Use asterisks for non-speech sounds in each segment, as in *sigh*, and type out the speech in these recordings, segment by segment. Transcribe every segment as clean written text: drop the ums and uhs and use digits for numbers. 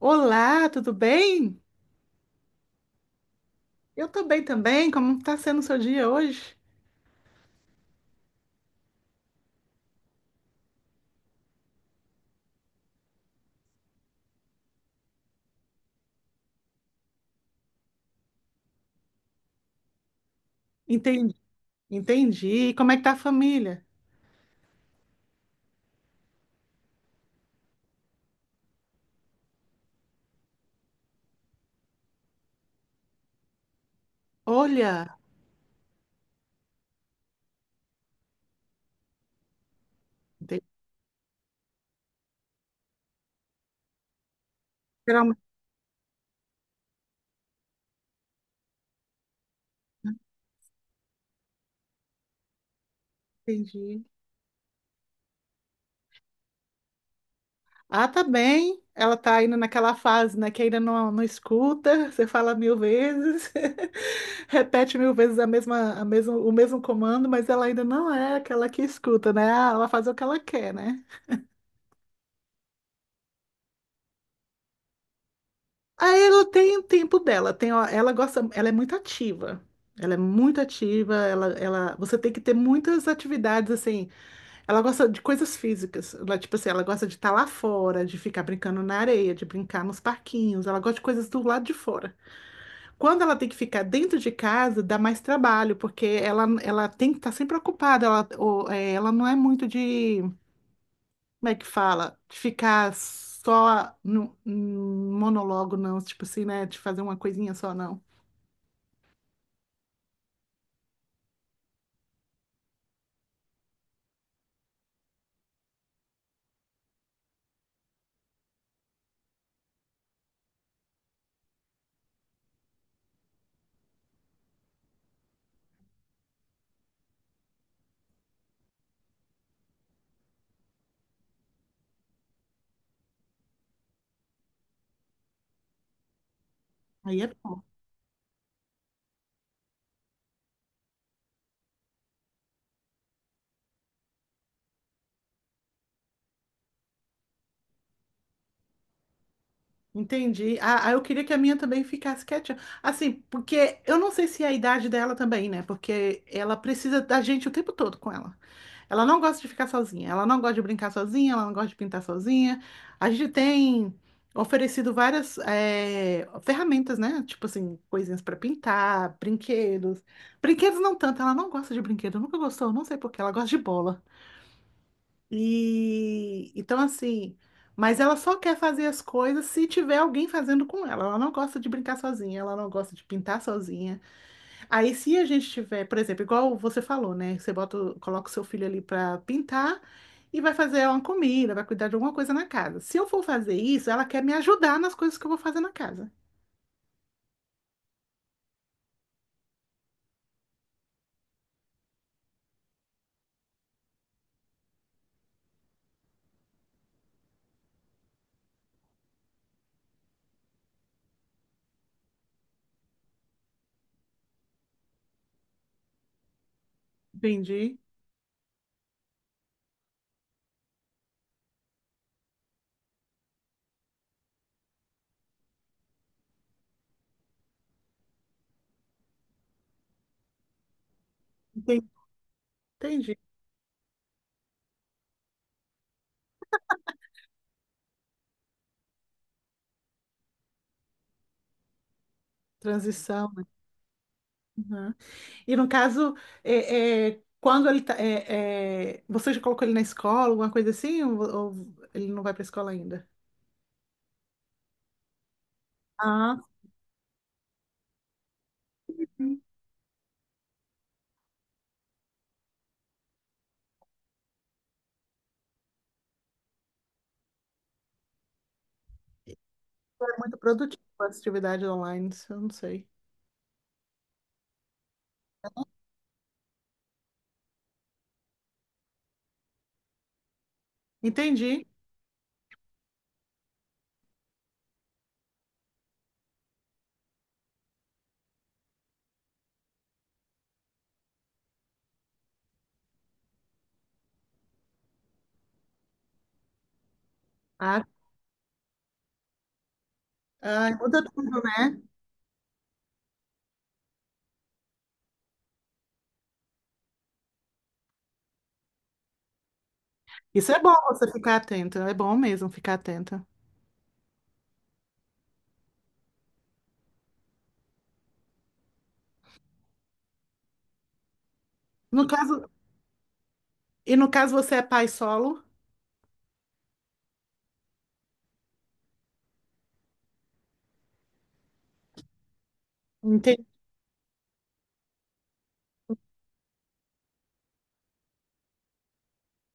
Olá, tudo bem? Eu tô bem também. Como tá sendo o seu dia hoje? Entendi, entendi. E como é que tá a família? Olha, entendi. Geralmente, entendi. Ah, tá bem. Ela tá indo naquela fase, né, que ainda não escuta, *laughs* você fala mil vezes, *laughs* repete mil vezes a mesma, a mesmo, o mesmo comando, mas ela ainda não é aquela que escuta, né? Ah, ela faz o que ela quer, né? Aí ela tem o tempo dela, tem, ó, ela gosta, ela é muito ativa. Ela é muito ativa, ela, você tem que ter muitas atividades assim. Ela gosta de coisas físicas, ela, tipo assim, ela gosta de estar lá fora, de ficar brincando na areia, de brincar nos parquinhos, ela gosta de coisas do lado de fora. Quando ela tem que ficar dentro de casa, dá mais trabalho, porque ela tem que estar sempre ocupada, ela, ou, é, ela não é muito de como é que fala? De ficar só no, num monólogo, não. Tipo assim, né? De fazer uma coisinha só, não. Aí é bom. Entendi. Ah, eu queria que a minha também ficasse quietinha. Assim, porque eu não sei se é a idade dela também, né? Porque ela precisa da gente o tempo todo com ela. Ela não gosta de ficar sozinha, ela não gosta de brincar sozinha, ela não gosta de pintar sozinha. A gente tem oferecido várias ferramentas, né? Tipo assim, coisinhas para pintar, brinquedos. Brinquedos não tanto, ela não gosta de brinquedo, nunca gostou, não sei por quê, ela gosta de bola. E então assim, mas ela só quer fazer as coisas se tiver alguém fazendo com ela. Ela não gosta de brincar sozinha, ela não gosta de pintar sozinha. Aí se a gente tiver, por exemplo, igual você falou, né? Você bota, coloca o seu filho ali para pintar e vai fazer uma comida, vai cuidar de alguma coisa na casa. Se eu for fazer isso, ela quer me ajudar nas coisas que eu vou fazer na casa. Entendi. Entendi. Entendi. Transição, né? E no caso, quando ele tá, você já colocou ele na escola, alguma coisa assim, ou ele não vai para escola ainda? Ah, sim. É muito produtivo a atividade online, isso eu não sei. Entendi. Ah, ai, muda tudo, né? Isso é bom, você ficar atenta, é bom mesmo ficar atenta. No caso, e no caso você é pai solo? Entendi.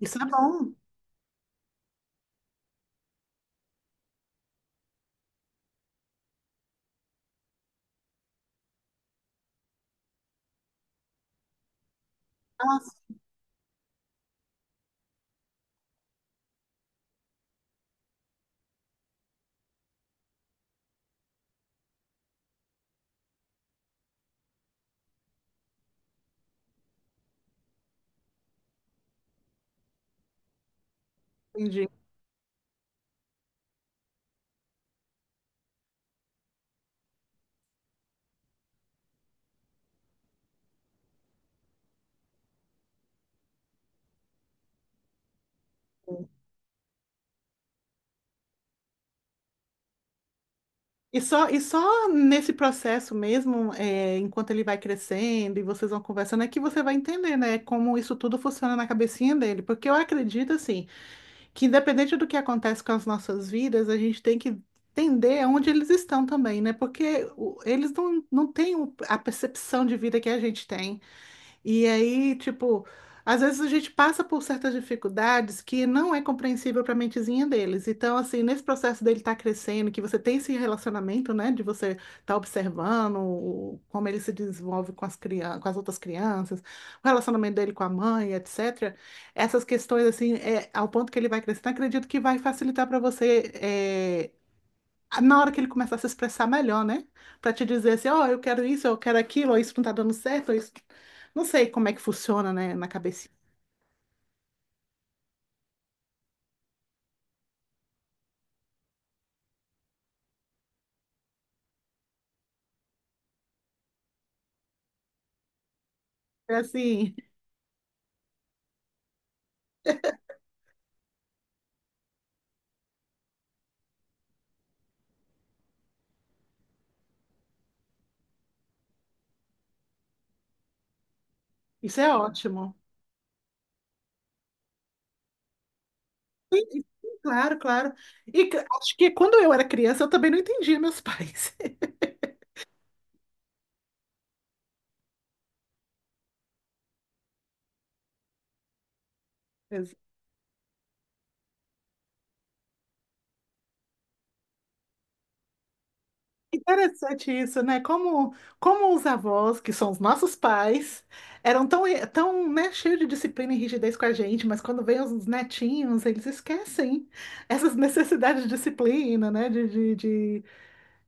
Isso é bom. Nossa, entendi. E só nesse processo mesmo, é, enquanto ele vai crescendo e vocês vão conversando, é que você vai entender, né, como isso tudo funciona na cabecinha dele. Porque eu acredito, assim, que independente do que acontece com as nossas vidas, a gente tem que entender onde eles estão também, né? Porque eles não têm a percepção de vida que a gente tem. E aí, tipo, às vezes a gente passa por certas dificuldades que não é compreensível para a mentezinha deles. Então, assim, nesse processo dele estar crescendo, que você tem esse relacionamento, né, de você estar observando como ele se desenvolve com as crianças, com as outras crianças, o relacionamento dele com a mãe, etc. Essas questões, assim, é, ao ponto que ele vai crescendo, acredito que vai facilitar para você, é, na hora que ele começar a se expressar melhor, né? Pra te dizer assim, ó, eu quero isso, eu quero aquilo, ou isso não tá dando certo, ou isso... Não sei como é que funciona, né, na cabeça. É assim, isso é ótimo. Claro, claro. E acho que quando eu era criança, eu também não entendia meus pais. *laughs* Interessante isso, né? Como, como os avós, que são os nossos pais, eram tão, tão, né, cheios de disciplina e rigidez com a gente, mas quando vêm os netinhos, eles esquecem essas *laughs* necessidades de disciplina, né? De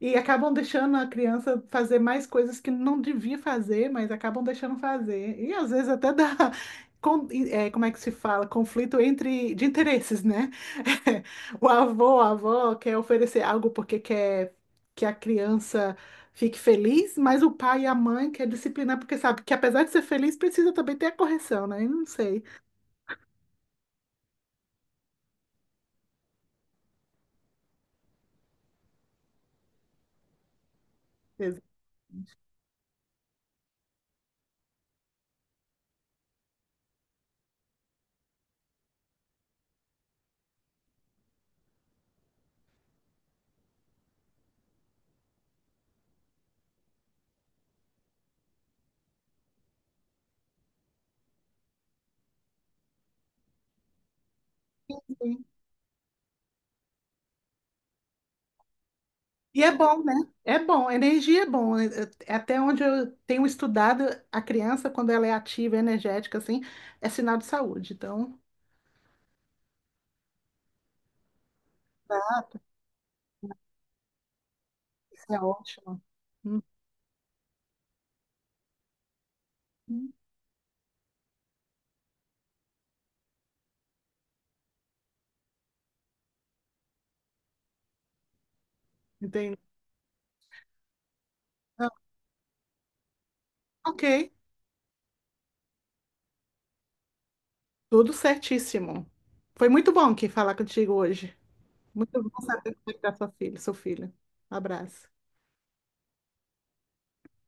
e acabam deixando a criança fazer mais coisas que não devia fazer, mas acabam deixando fazer. E às vezes até dá, *laughs* é, como é que se fala? Conflito entre de interesses, né? *laughs* O avô, a avó quer oferecer algo porque quer que a criança fique feliz, mas o pai e a mãe quer disciplinar porque sabe que apesar de ser feliz, precisa também ter a correção, né? Eu não sei. E é bom, né? É bom, energia é bom. É até onde eu tenho estudado, a criança, quando ela é ativa, energética, assim, é sinal de saúde. Então, tá, isso é ótimo. Uhum, entendi. Ah, ok, tudo certíssimo. Foi muito bom que falar contigo hoje. Muito bom saber como é que tá sua filha, seu filho. Um abraço.